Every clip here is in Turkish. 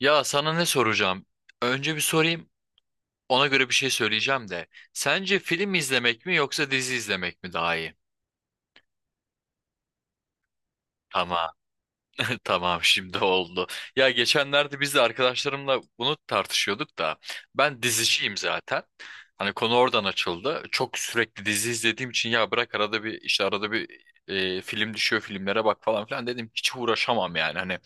Ya sana ne soracağım? Önce bir sorayım, ona göre bir şey söyleyeceğim de. Sence film izlemek mi yoksa dizi izlemek mi daha iyi? Tamam, tamam şimdi oldu. Ya geçenlerde biz de arkadaşlarımla bunu tartışıyorduk da ben diziciyim zaten. Hani konu oradan açıldı. Çok sürekli dizi izlediğim için ya bırak arada bir işte arada bir film düşüyor, filmlere bak falan filan dedim, hiç uğraşamam yani. Hani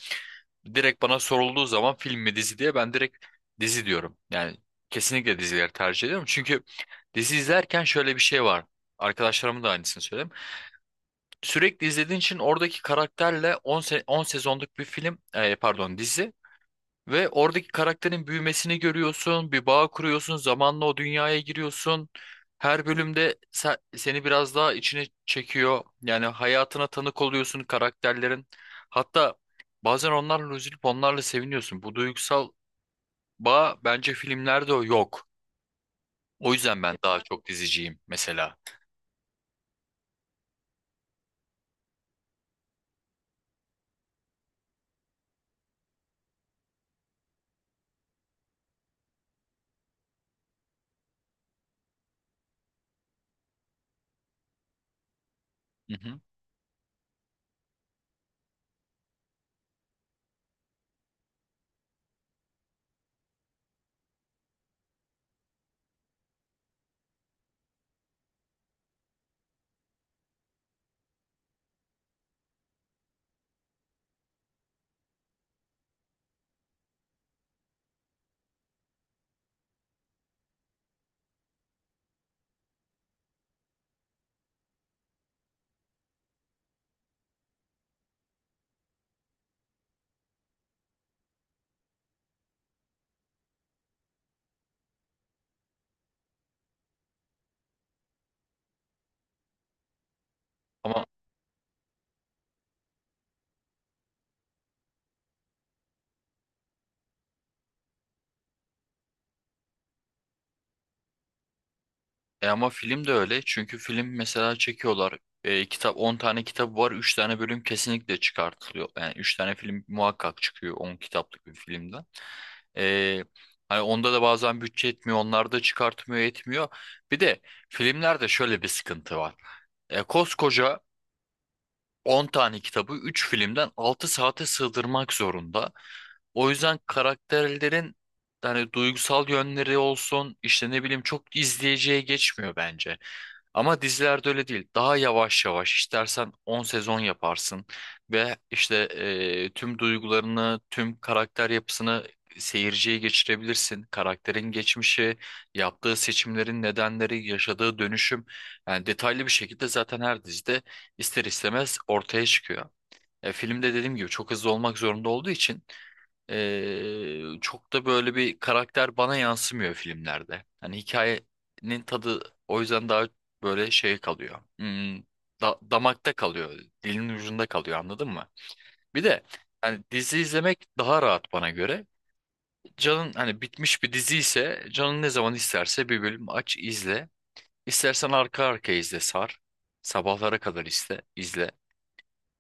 direkt bana sorulduğu zaman film mi dizi diye ben direkt dizi diyorum. Yani kesinlikle dizileri tercih ediyorum. Çünkü dizi izlerken şöyle bir şey var. Arkadaşlarıma da aynısını söyledim. Sürekli izlediğin için oradaki karakterle 10 10 sezonluk bir film, pardon, dizi ve oradaki karakterin büyümesini görüyorsun, bir bağ kuruyorsun, zamanla o dünyaya giriyorsun. Her bölümde seni biraz daha içine çekiyor. Yani hayatına tanık oluyorsun karakterlerin. Hatta bazen onlarla üzülüp onlarla seviniyorsun. Bu duygusal bağ, bence filmlerde o yok. O yüzden ben daha çok diziciyim mesela. Hı hı. Ama ama film de öyle. Çünkü film mesela çekiyorlar. Kitap 10 tane kitabı var. Üç tane bölüm kesinlikle çıkartılıyor. Yani 3 tane film muhakkak çıkıyor 10 kitaplık bir filmden. E, hani onda da bazen bütçe etmiyor, onlar da çıkartmıyor etmiyor. Bir de filmlerde şöyle bir sıkıntı var. Koskoca 10 tane kitabı 3 filmden 6 saate sığdırmak zorunda. O yüzden karakterlerin hani duygusal yönleri olsun işte, ne bileyim, çok izleyiciye geçmiyor bence. Ama dizilerde öyle değil. Daha yavaş yavaş istersen 10 sezon yaparsın ve işte tüm duygularını, tüm karakter yapısını seyirciye geçirebilirsin. Karakterin geçmişi, yaptığı seçimlerin nedenleri, yaşadığı dönüşüm, yani detaylı bir şekilde zaten her dizide ister istemez ortaya çıkıyor. Filmde dediğim gibi çok hızlı olmak zorunda olduğu için çok da böyle bir karakter bana yansımıyor filmlerde. Hani hikayenin tadı o yüzden daha böyle şey kalıyor. Damakta kalıyor, dilin ucunda kalıyor, anladın mı? Bir de hani dizi izlemek daha rahat bana göre. Canın hani bitmiş bir dizi ise canın ne zaman isterse bir bölüm aç, izle. İstersen arka arkaya izle, sar. Sabahlara kadar iste, izle.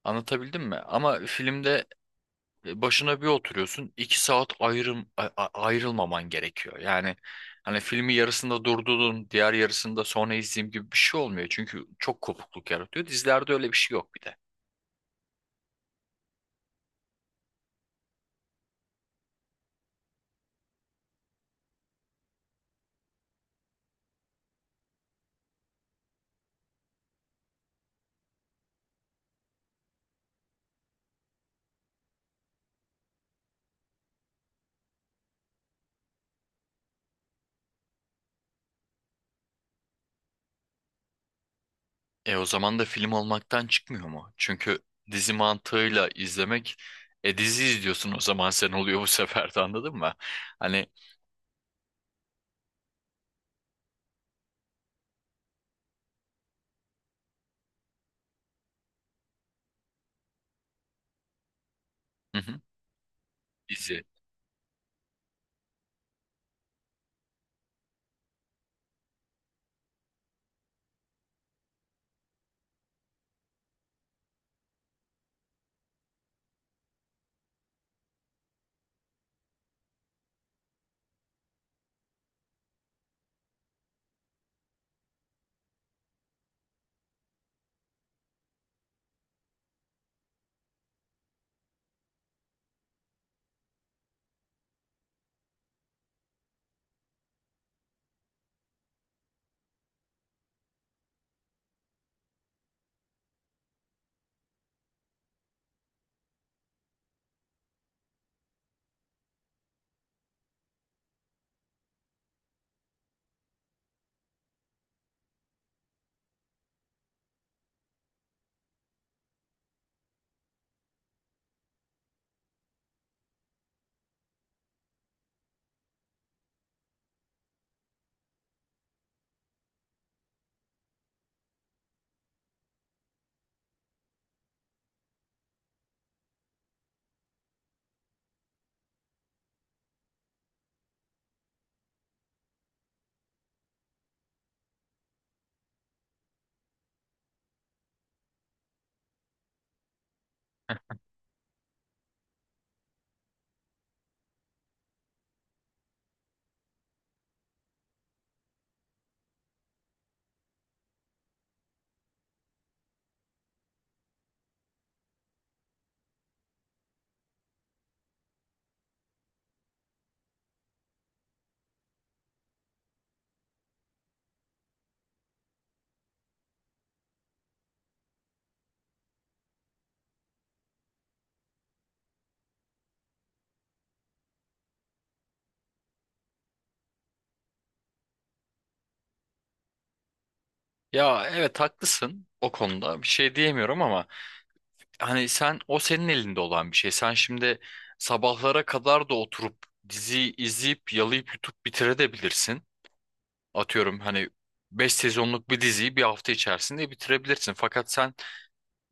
Anlatabildim mi? Ama filmde başına bir oturuyorsun, 2 saat ayrım, ayrılmaman gerekiyor. Yani hani filmi yarısında durdurdun, diğer yarısında sonra izleyeyim gibi bir şey olmuyor. Çünkü çok kopukluk yaratıyor. Dizilerde öyle bir şey yok bir de. E o zaman da film olmaktan çıkmıyor mu? Çünkü dizi mantığıyla izlemek, dizi izliyorsun o zaman, sen oluyor bu sefer de, anladın mı? Hani, hı hı, dizi. Ya evet, haklısın, o konuda bir şey diyemiyorum, ama hani sen, o senin elinde olan bir şey. Sen şimdi sabahlara kadar da oturup diziyi izleyip yalayıp yutup bitirebilirsin. Atıyorum hani 5 sezonluk bir diziyi bir hafta içerisinde bitirebilirsin. Fakat sen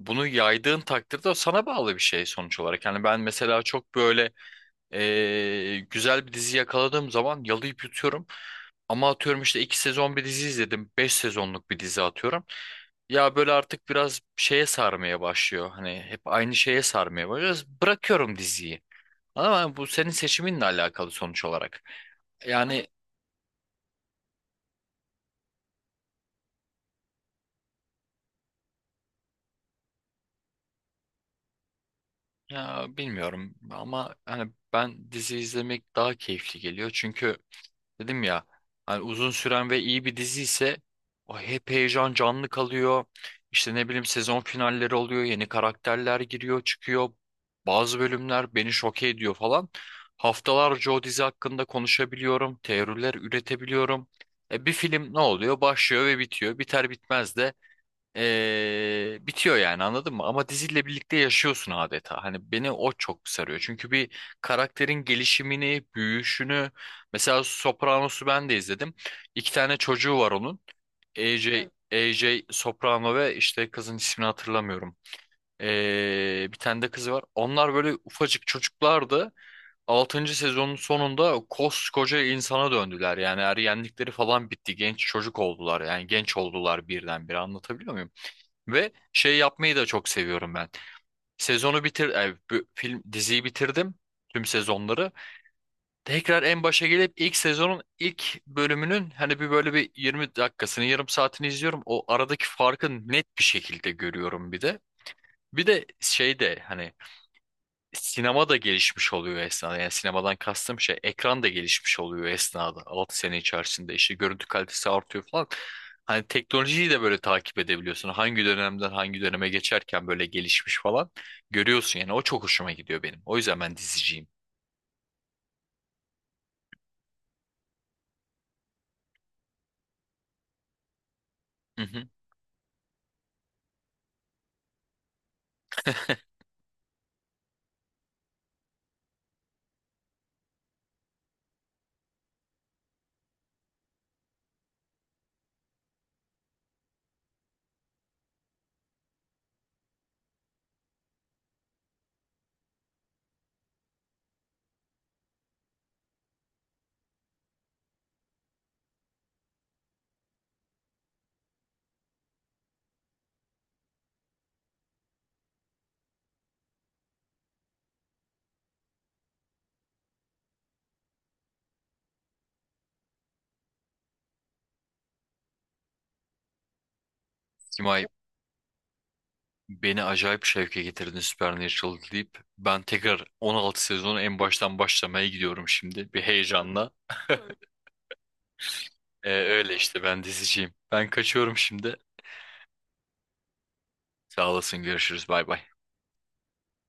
bunu yaydığın takdirde o sana bağlı bir şey sonuç olarak. Yani ben mesela çok böyle güzel bir dizi yakaladığım zaman yalayıp yutuyorum. Ama atıyorum işte iki sezon bir dizi izledim, 5 sezonluk bir dizi atıyorum. Ya böyle artık biraz şeye sarmaya başlıyor. Hani hep aynı şeye sarmaya başlıyor. Bırakıyorum diziyi. Ama bu senin seçiminle alakalı sonuç olarak. Yani, ya bilmiyorum, ama hani ben, dizi izlemek daha keyifli geliyor. Çünkü dedim ya, hani uzun süren ve iyi bir dizi ise o hep heyecan canlı kalıyor. İşte ne bileyim, sezon finalleri oluyor, yeni karakterler giriyor, çıkıyor. Bazı bölümler beni şoke ediyor falan. Haftalarca o dizi hakkında konuşabiliyorum, teoriler üretebiliyorum. E bir film ne oluyor? Başlıyor ve bitiyor. Biter bitmez de bitiyor, yani anladın mı? Ama diziyle birlikte yaşıyorsun adeta. Hani beni o çok sarıyor. Çünkü bir karakterin gelişimini, büyüyüşünü. Mesela Sopranos'u ben de izledim. İki tane çocuğu var onun. AJ, evet. AJ Soprano, ve işte kızın ismini hatırlamıyorum. Bir tane de kızı var. Onlar böyle ufacık çocuklardı. Altıncı sezonun sonunda koskoca insana döndüler. Yani ergenlikleri falan bitti, genç çocuk oldular. Yani genç oldular birdenbire. Anlatabiliyor muyum? Ve şey yapmayı da çok seviyorum ben. Sezonu bitir, bu film, diziyi bitirdim, tüm sezonları. Tekrar en başa gelip ilk sezonun ilk bölümünün hani bir böyle bir 20 dakikasını, yarım saatini izliyorum. O aradaki farkı net bir şekilde görüyorum bir de. Bir de şey de hani sinema da gelişmiş oluyor esnada. Yani sinemadan kastım şey, ekran da gelişmiş oluyor esnada. 6 sene içerisinde işte görüntü kalitesi artıyor falan. Hani teknolojiyi de böyle takip edebiliyorsun. Hangi dönemden hangi döneme geçerken böyle gelişmiş falan görüyorsun yani. O çok hoşuma gidiyor benim. O yüzden ben diziciyim. Hı hı. Simay, beni acayip şevke getirdin, Supernatural deyip ben tekrar 16 sezonu en baştan başlamaya gidiyorum şimdi bir heyecanla. Öyle işte, ben diziciyim. Ben kaçıyorum şimdi. Sağ olasın. Görüşürüz. Bay bay.